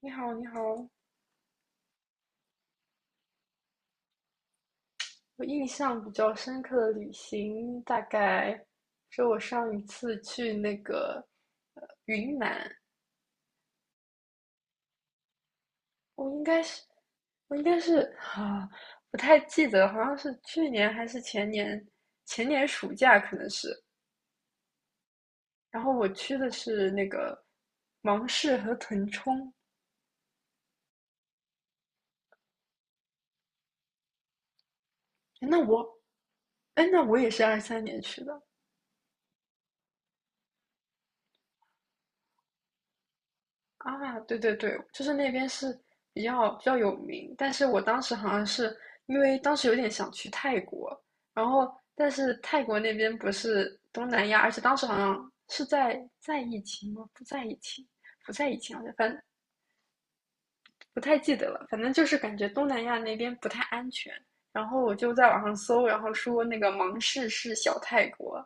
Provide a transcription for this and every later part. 你好，你好。我印象比较深刻的旅行，大概是我上一次去那个云南。我应该是，我应该是啊，不太记得了，好像是去年还是前年，前年暑假可能是。然后我去的是那个芒市和腾冲。诶那我，哎，那我也是23年去的。啊，对对对，就是那边是比较有名，但是我当时好像是因为当时有点想去泰国。然后但是泰国那边不是东南亚，而且当时好像是在疫情吗？不在疫情。不在疫情，好像反正不太记得了，反正就是感觉东南亚那边不太安全。然后我就在网上搜，然后说那个芒市是小泰国。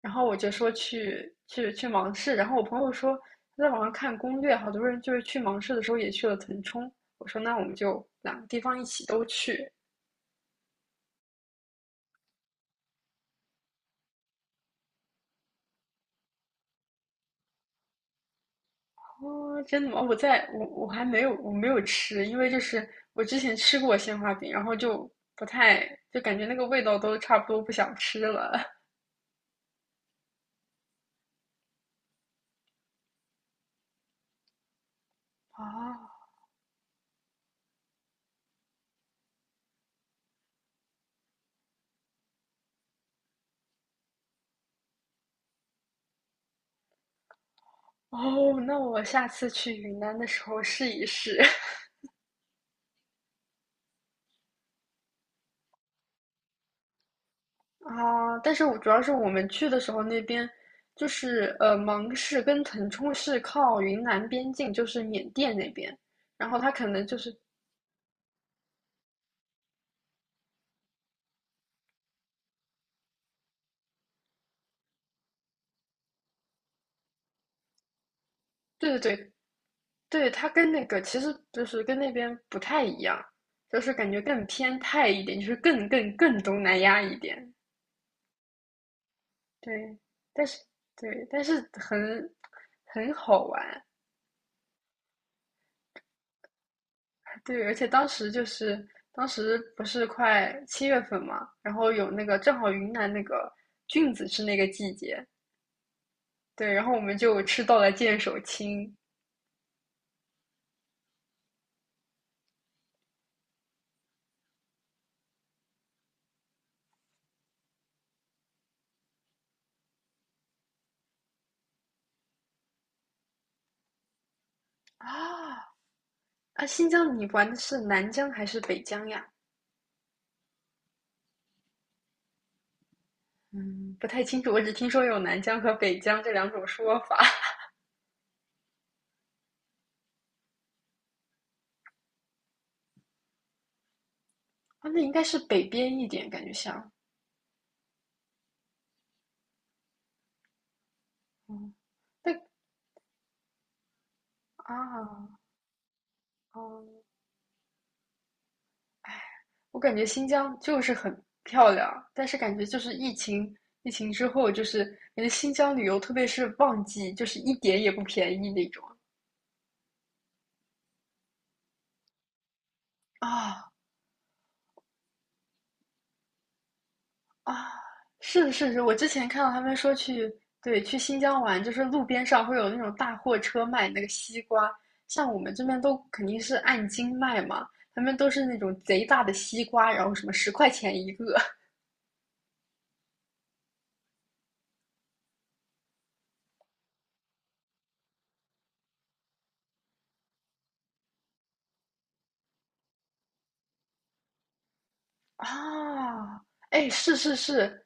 然后我就说去芒市，然后我朋友说他在网上看攻略，好多人就是去芒市的时候也去了腾冲。我说那我们就两个地方一起都去。哦，真的吗？我在我我还没有我没有吃，因为就是我之前吃过鲜花饼，然后就不太就感觉那个味道都差不多，不想吃了。哦哦，那我下次去云南的时候试一试。啊，但是我主要是我们去的时候，那边就是芒市跟腾冲是靠云南边境，就是缅甸那边。然后它可能就是，对对对对，它跟那个其实就是跟那边不太一样，就是感觉更偏泰一点，就是更东南亚一点。对，但是对，但是很很好玩。对，而且当时不是快七月份嘛，然后有那个正好云南那个菌子是那个季节。对，然后我们就吃到了剑手青。啊！啊！新疆你玩的是南疆还是北疆呀？嗯，不太清楚，我只听说有南疆和北疆这两种说法。 啊，那应该是北边一点，感觉像。嗯。那啊，哦。我感觉新疆就是很漂亮，但是感觉就是疫情，疫情之后就是感觉新疆旅游，特别是旺季，就是一点也不便宜那种。啊啊，是的，是的，我之前看到他们说去。对，去新疆玩，就是路边上会有那种大货车卖那个西瓜，像我们这边都肯定是按斤卖嘛，他们都是那种贼大的西瓜，然后什么10块钱一个。 啊，哎，是是是，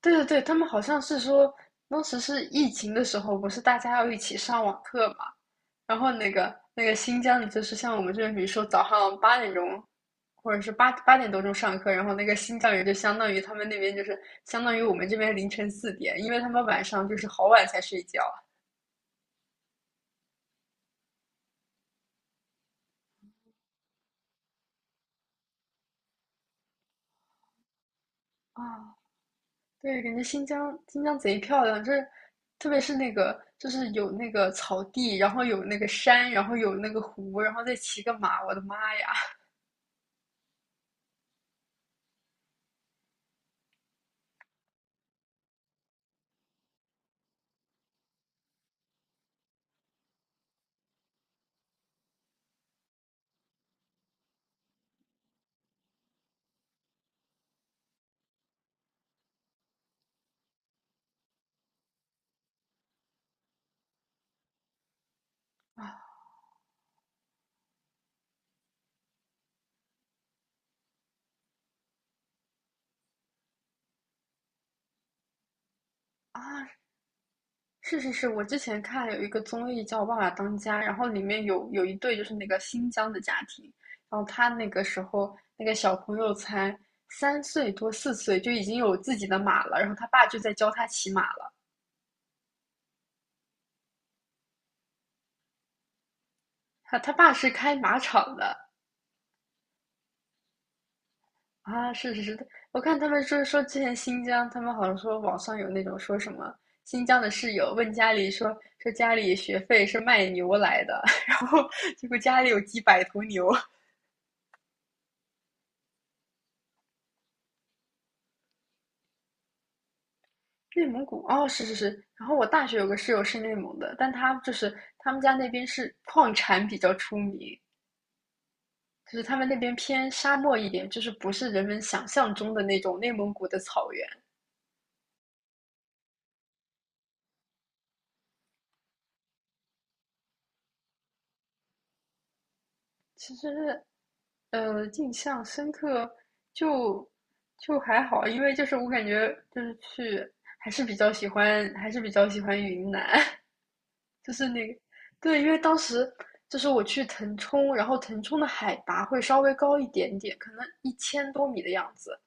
对对对，他们好像是说，当时是疫情的时候，不是大家要一起上网课嘛？然后那个新疆的，就是像我们这边，比如说早上8点钟，或者是八点多钟上课。然后那个新疆人就相当于他们那边就是相当于我们这边凌晨4点，因为他们晚上就是好晚才睡觉啊。对，感觉新疆贼漂亮，就是特别是那个就是有那个草地，然后有那个山，然后有那个湖，然后再骑个马，我的妈呀！啊，是是是，我之前看有一个综艺叫《爸爸当家》，然后里面有一对就是那个新疆的家庭，然后他那个时候那个小朋友才3岁多4岁就已经有自己的马了，然后他爸就在教他骑马了。他爸是开马场的。啊，是是是，我看他们说之前新疆，他们好像说网上有那种说什么新疆的室友问家里说说家里学费是卖牛来的，然后结果家里有几百头牛。内蒙古哦，是是是。然后我大学有个室友是内蒙的，但他就是他们家那边是矿产比较出名，就是他们那边偏沙漠一点，就是不是人们想象中的那种内蒙古的草原。其实，印象深刻就就还好，因为就是我感觉就是去还是比较喜欢，云南。就是那个，对，因为当时就是我去腾冲，然后腾冲的海拔会稍微高一点点，可能1000多米的样子。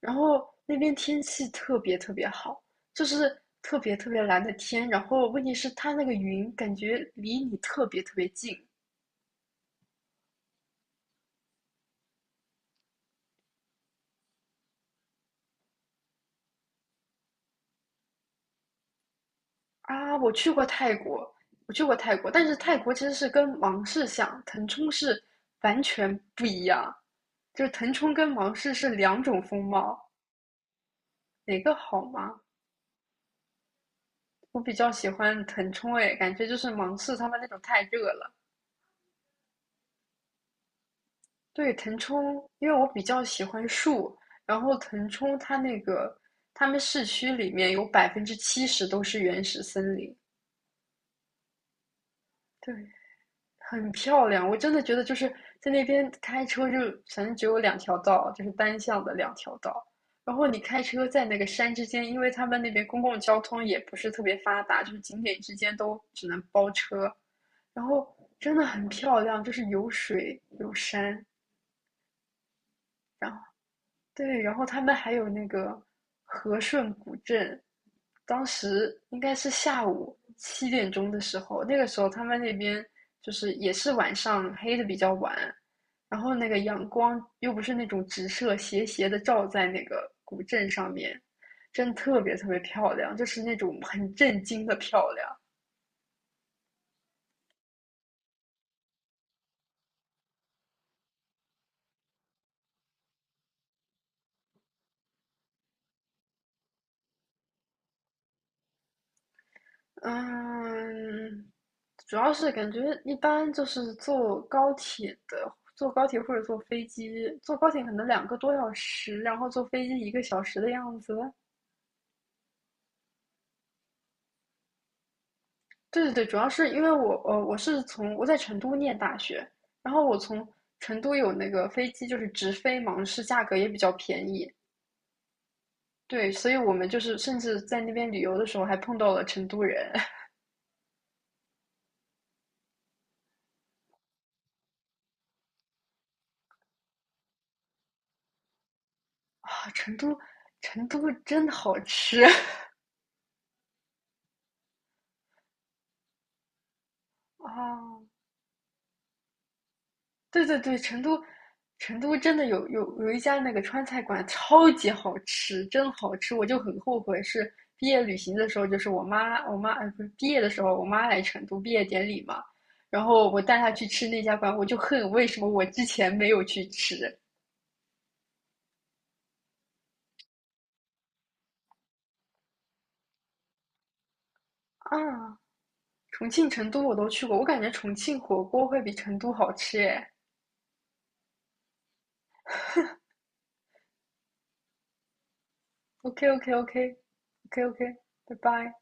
然后那边天气特别特别好，就是特别特别蓝的天。然后问题是它那个云感觉离你特别特别近。啊！我去过泰国。但是泰国其实是跟芒市像，腾冲是完全不一样，就是腾冲跟芒市是两种风貌。哪个好吗？我比较喜欢腾冲。哎，感觉就是芒市他们那种太热了。对，腾冲，因为我比较喜欢树，然后腾冲它那个，他们市区里面有70%都是原始森林。对，很漂亮，我真的觉得就是在那边开车就反正只有两条道，就是单向的两条道。然后你开车在那个山之间，因为他们那边公共交通也不是特别发达，就是景点之间都只能包车。然后真的很漂亮，就是有水有山，然后。对，然后他们还有那个和顺古镇，当时应该是下午7点钟的时候，那个时候他们那边就是也是晚上黑的比较晚，然后那个阳光又不是那种直射斜斜的照在那个古镇上面，真的特别特别漂亮，就是那种很震惊的漂亮。嗯，主要是感觉一般就是坐高铁的，坐高铁或者坐飞机，坐高铁可能2个多小时，然后坐飞机1个小时的样子。对对对，主要是因为我呃我是从我在成都念大学，然后我从成都有那个飞机就是直飞芒市，价格也比较便宜。对，所以我们就是甚至在那边旅游的时候还碰到了成都人。 啊，成都真好吃。 啊。对对对，成都，成都真的有一家那个川菜馆，超级好吃，真好吃。我就很后悔，是毕业旅行的时候，就是我妈，不是毕业的时候，我妈来成都毕业典礼嘛，然后我带她去吃那家馆，我就恨为什么我之前没有去吃。啊。重庆、成都我都去过，我感觉重庆火锅会比成都好吃耶。OK OK OK OK OK，拜拜。